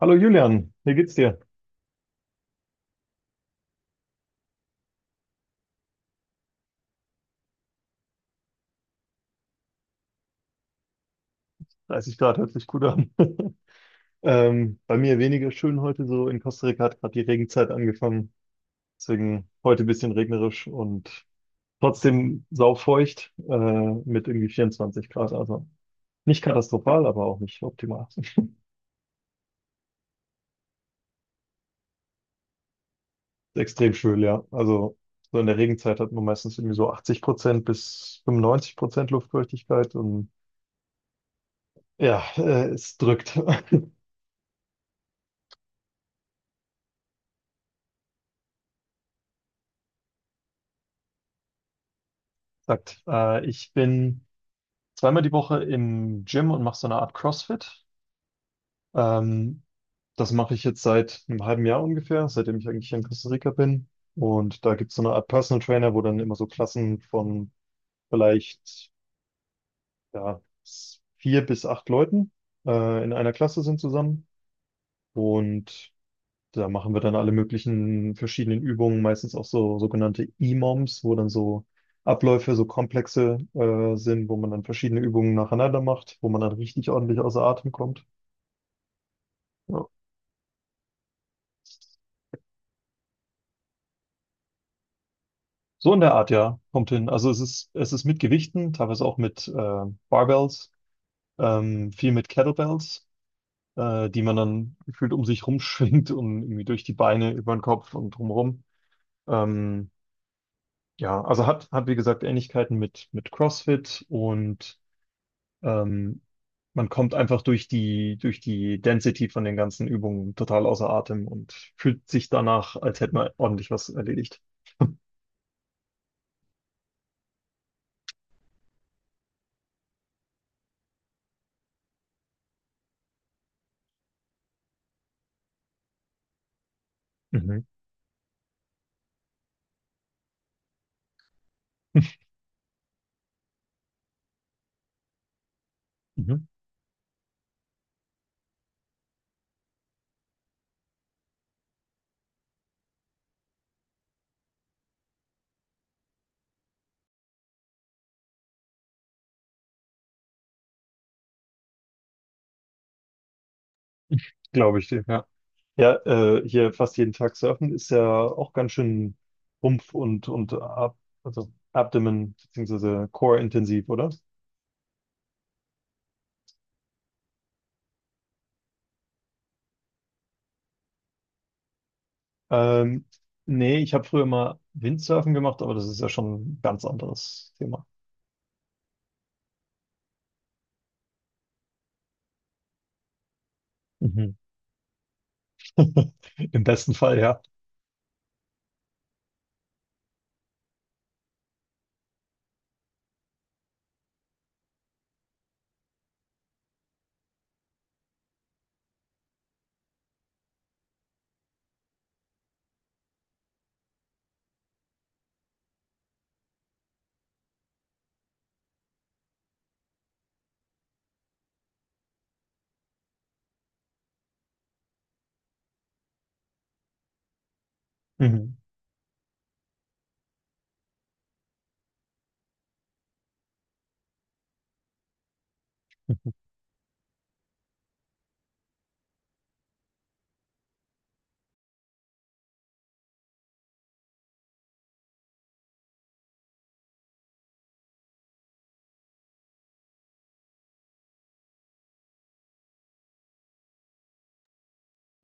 Hallo Julian, wie geht's dir? 30 Grad hört sich gut an. Bei mir weniger schön heute so. In Costa Rica hat gerade die Regenzeit angefangen. Deswegen heute ein bisschen regnerisch und trotzdem saufeucht mit irgendwie 24 Grad. Also nicht katastrophal, aber auch nicht optimal. Extrem schwül, ja. Also so in der Regenzeit hat man meistens irgendwie so 80% bis 95% Luftfeuchtigkeit und ja, es drückt. Ich bin zweimal die Woche im Gym und mache so eine Art CrossFit. Ähm, Das mache ich jetzt seit einem halben Jahr ungefähr, seitdem ich eigentlich hier in Costa Rica bin. Und da gibt es so eine Art Personal Trainer, wo dann immer so Klassen von vielleicht ja, vier bis acht Leuten in einer Klasse sind zusammen. Und da machen wir dann alle möglichen verschiedenen Übungen, meistens auch so sogenannte E-Moms, wo dann so Abläufe, so komplexe sind, wo man dann verschiedene Übungen nacheinander macht, wo man dann richtig ordentlich außer Atem kommt. Ja. So in der Art, ja, kommt hin. Also es ist mit Gewichten, teilweise auch mit Barbells, viel mit Kettlebells, die man dann gefühlt um sich rumschwingt und irgendwie durch die Beine, über den Kopf und drumherum. Ähm, ja, also hat wie gesagt Ähnlichkeiten mit CrossFit und Ähm, man kommt einfach durch die Density von den ganzen Übungen total außer Atem und fühlt sich danach, als hätte man ordentlich was erledigt. Mhm. Mhm. Glaube ich dir. Ja. Ja, hier fast jeden Tag surfen ist ja auch ganz schön Rumpf und Ab also Abdomen beziehungsweise Core intensiv, oder? Ähm, Nee, ich habe früher mal Windsurfen gemacht, aber das ist ja schon ein ganz anderes Thema. Mhm. Im besten Fall, ja. Mhm.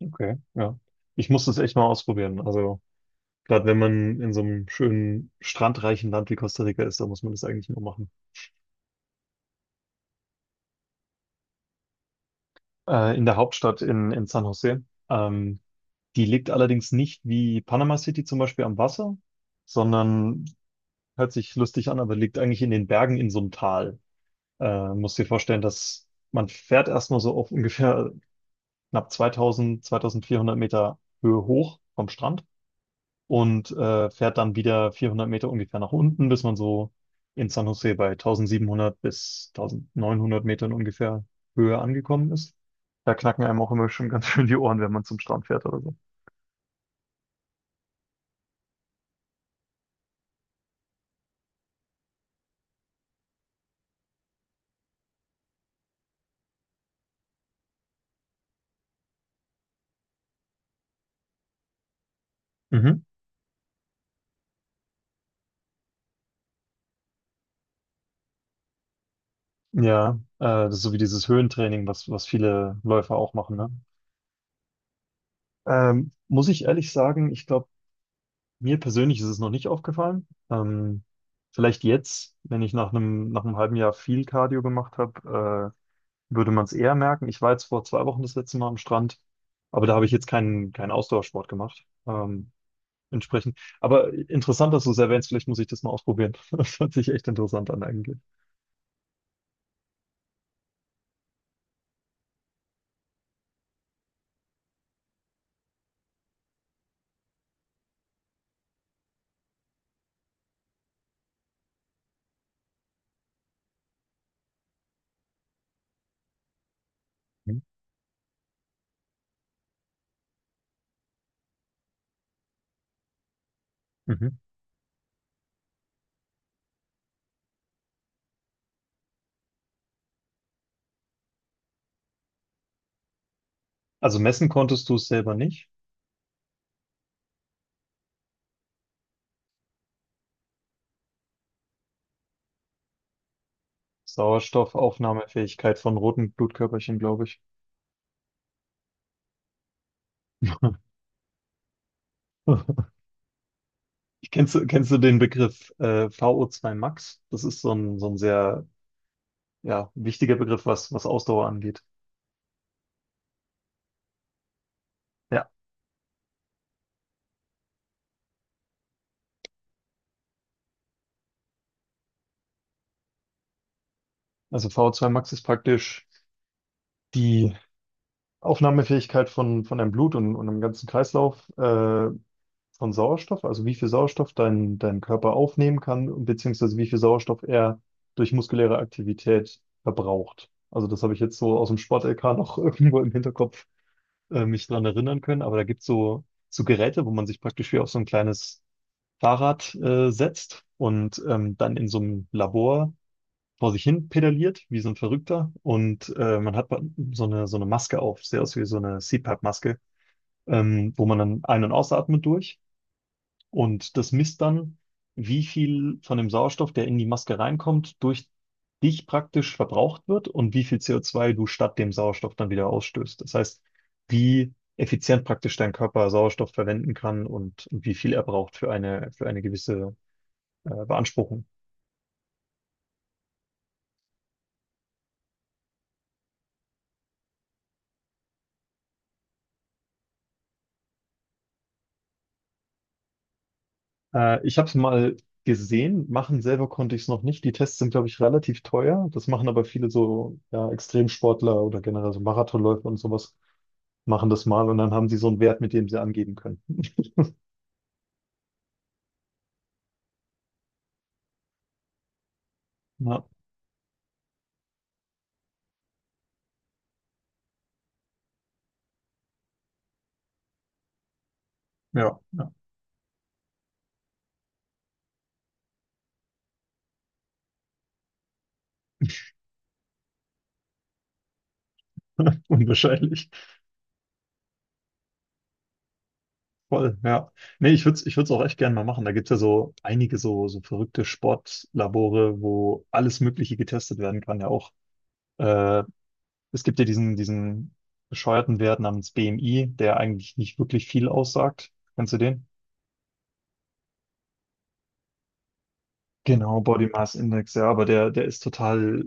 Okay, ja. Ich muss das echt mal ausprobieren. Also, gerade wenn man in so einem schönen, strandreichen Land wie Costa Rica ist, da muss man das eigentlich nur machen. In der Hauptstadt in San Jose. Ähm, Die liegt allerdings nicht wie Panama City zum Beispiel am Wasser, sondern hört sich lustig an, aber liegt eigentlich in den Bergen in so einem Tal. Muss dir vorstellen, dass man fährt erstmal so auf ungefähr knapp 2000, 2400 Meter Höhe hoch vom Strand. Und fährt dann wieder 400 Meter ungefähr nach unten, bis man so in San Jose bei 1700 bis 1900 Metern ungefähr Höhe angekommen ist. Da knacken einem auch immer schon ganz schön die Ohren, wenn man zum Strand fährt oder so. Mhm. Ja, das ist so wie dieses Höhentraining, was viele Läufer auch machen, ne? Muss ich ehrlich sagen, ich glaube, mir persönlich ist es noch nicht aufgefallen. Vielleicht jetzt, wenn ich nach einem halben Jahr viel Cardio gemacht habe, würde man es eher merken. Ich war jetzt vor 2 Wochen das letzte Mal am Strand, aber da habe ich jetzt keinen Ausdauersport gemacht. Entsprechend. Aber interessant, dass du es erwähnst. Vielleicht muss ich das mal ausprobieren. Das hört sich echt interessant an eigentlich. Mhm. Mhm. Also messen konntest du es selber nicht. Sauerstoffaufnahmefähigkeit von roten Blutkörperchen, glaube ich. Kennst du den Begriff VO2 Max? Das ist so ein sehr ja, wichtiger Begriff, was Ausdauer angeht. Ja, also VO2 Max ist praktisch die Aufnahmefähigkeit von deinem Blut und dem ganzen Kreislauf von Sauerstoff, also wie viel Sauerstoff dein Körper aufnehmen kann, und beziehungsweise wie viel Sauerstoff er durch muskuläre Aktivität verbraucht. Also das habe ich jetzt so aus dem Sport-LK noch irgendwo im Hinterkopf mich dran erinnern können, aber da gibt es so Geräte, wo man sich praktisch wie auf so ein kleines Fahrrad setzt und dann in so einem Labor vor sich hin pedaliert, wie so ein Verrückter. Und man hat so eine Maske auf, sehr aus wie so eine CPAP-Maske, wo man dann ein- und ausatmet durch. Und das misst dann, wie viel von dem Sauerstoff, der in die Maske reinkommt, durch dich praktisch verbraucht wird und wie viel CO2 du statt dem Sauerstoff dann wieder ausstößt. Das heißt, wie effizient praktisch dein Körper Sauerstoff verwenden kann und wie viel er braucht für eine gewisse Beanspruchung. Ich habe es mal gesehen, machen selber konnte ich es noch nicht. Die Tests sind, glaube ich, relativ teuer. Das machen aber viele so ja, Extremsportler oder generell so Marathonläufer und sowas, machen das mal und dann haben sie so einen Wert, mit dem sie angeben können. Ja, ja, ja. Unwahrscheinlich. Voll, ja. Nee, ich würde es auch echt gerne mal machen. Da gibt es ja so einige so verrückte Sportlabore, wo alles Mögliche getestet werden kann, ja auch. Äh, Es gibt ja diesen bescheuerten Wert namens BMI, der eigentlich nicht wirklich viel aussagt. Kennst du den? Genau, Body Mass Index, ja, aber der ist total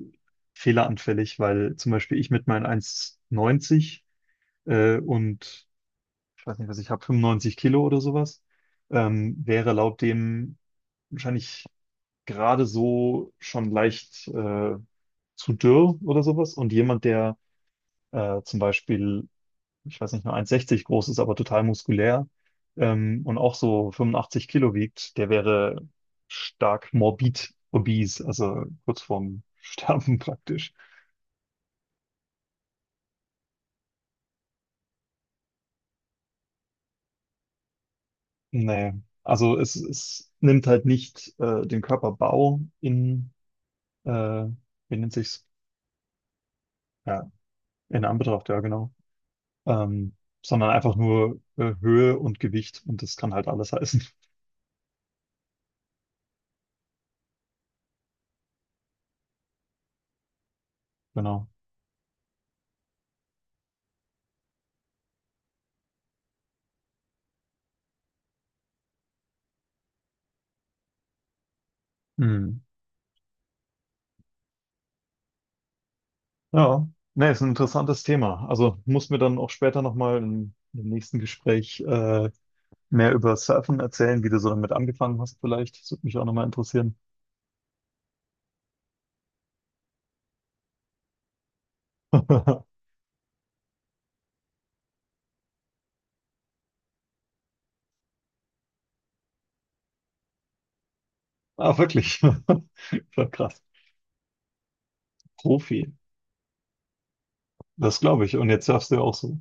fehleranfällig, weil zum Beispiel ich mit meinen 1,90 und ich weiß nicht, was ich habe, 95 Kilo oder sowas, wäre laut dem wahrscheinlich gerade so schon leicht zu dürr oder sowas. Und jemand, der zum Beispiel ich weiß nicht, nur 1,60 groß ist, aber total muskulär und auch so 85 Kilo wiegt, der wäre stark morbid obese, also kurz vorm Sterben praktisch. Nee, also es nimmt halt nicht den Körperbau in, äh, wie nennt sich's? Ja, in Anbetracht, ja genau. Ähm, Sondern einfach nur Höhe und Gewicht und das kann halt alles heißen. Genau. Hm. Ja, ne, ist ein interessantes Thema. Also muss mir dann auch später nochmal im nächsten Gespräch mehr über Surfen erzählen, wie du so damit angefangen hast vielleicht. Das würde mich auch nochmal interessieren. Ah, wirklich. Voll krass. Profi. Das glaube ich. Und jetzt surfst du ja auch so.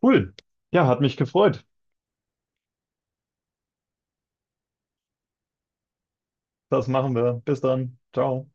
Cool. Ja, hat mich gefreut. Das machen wir. Bis dann. Ciao.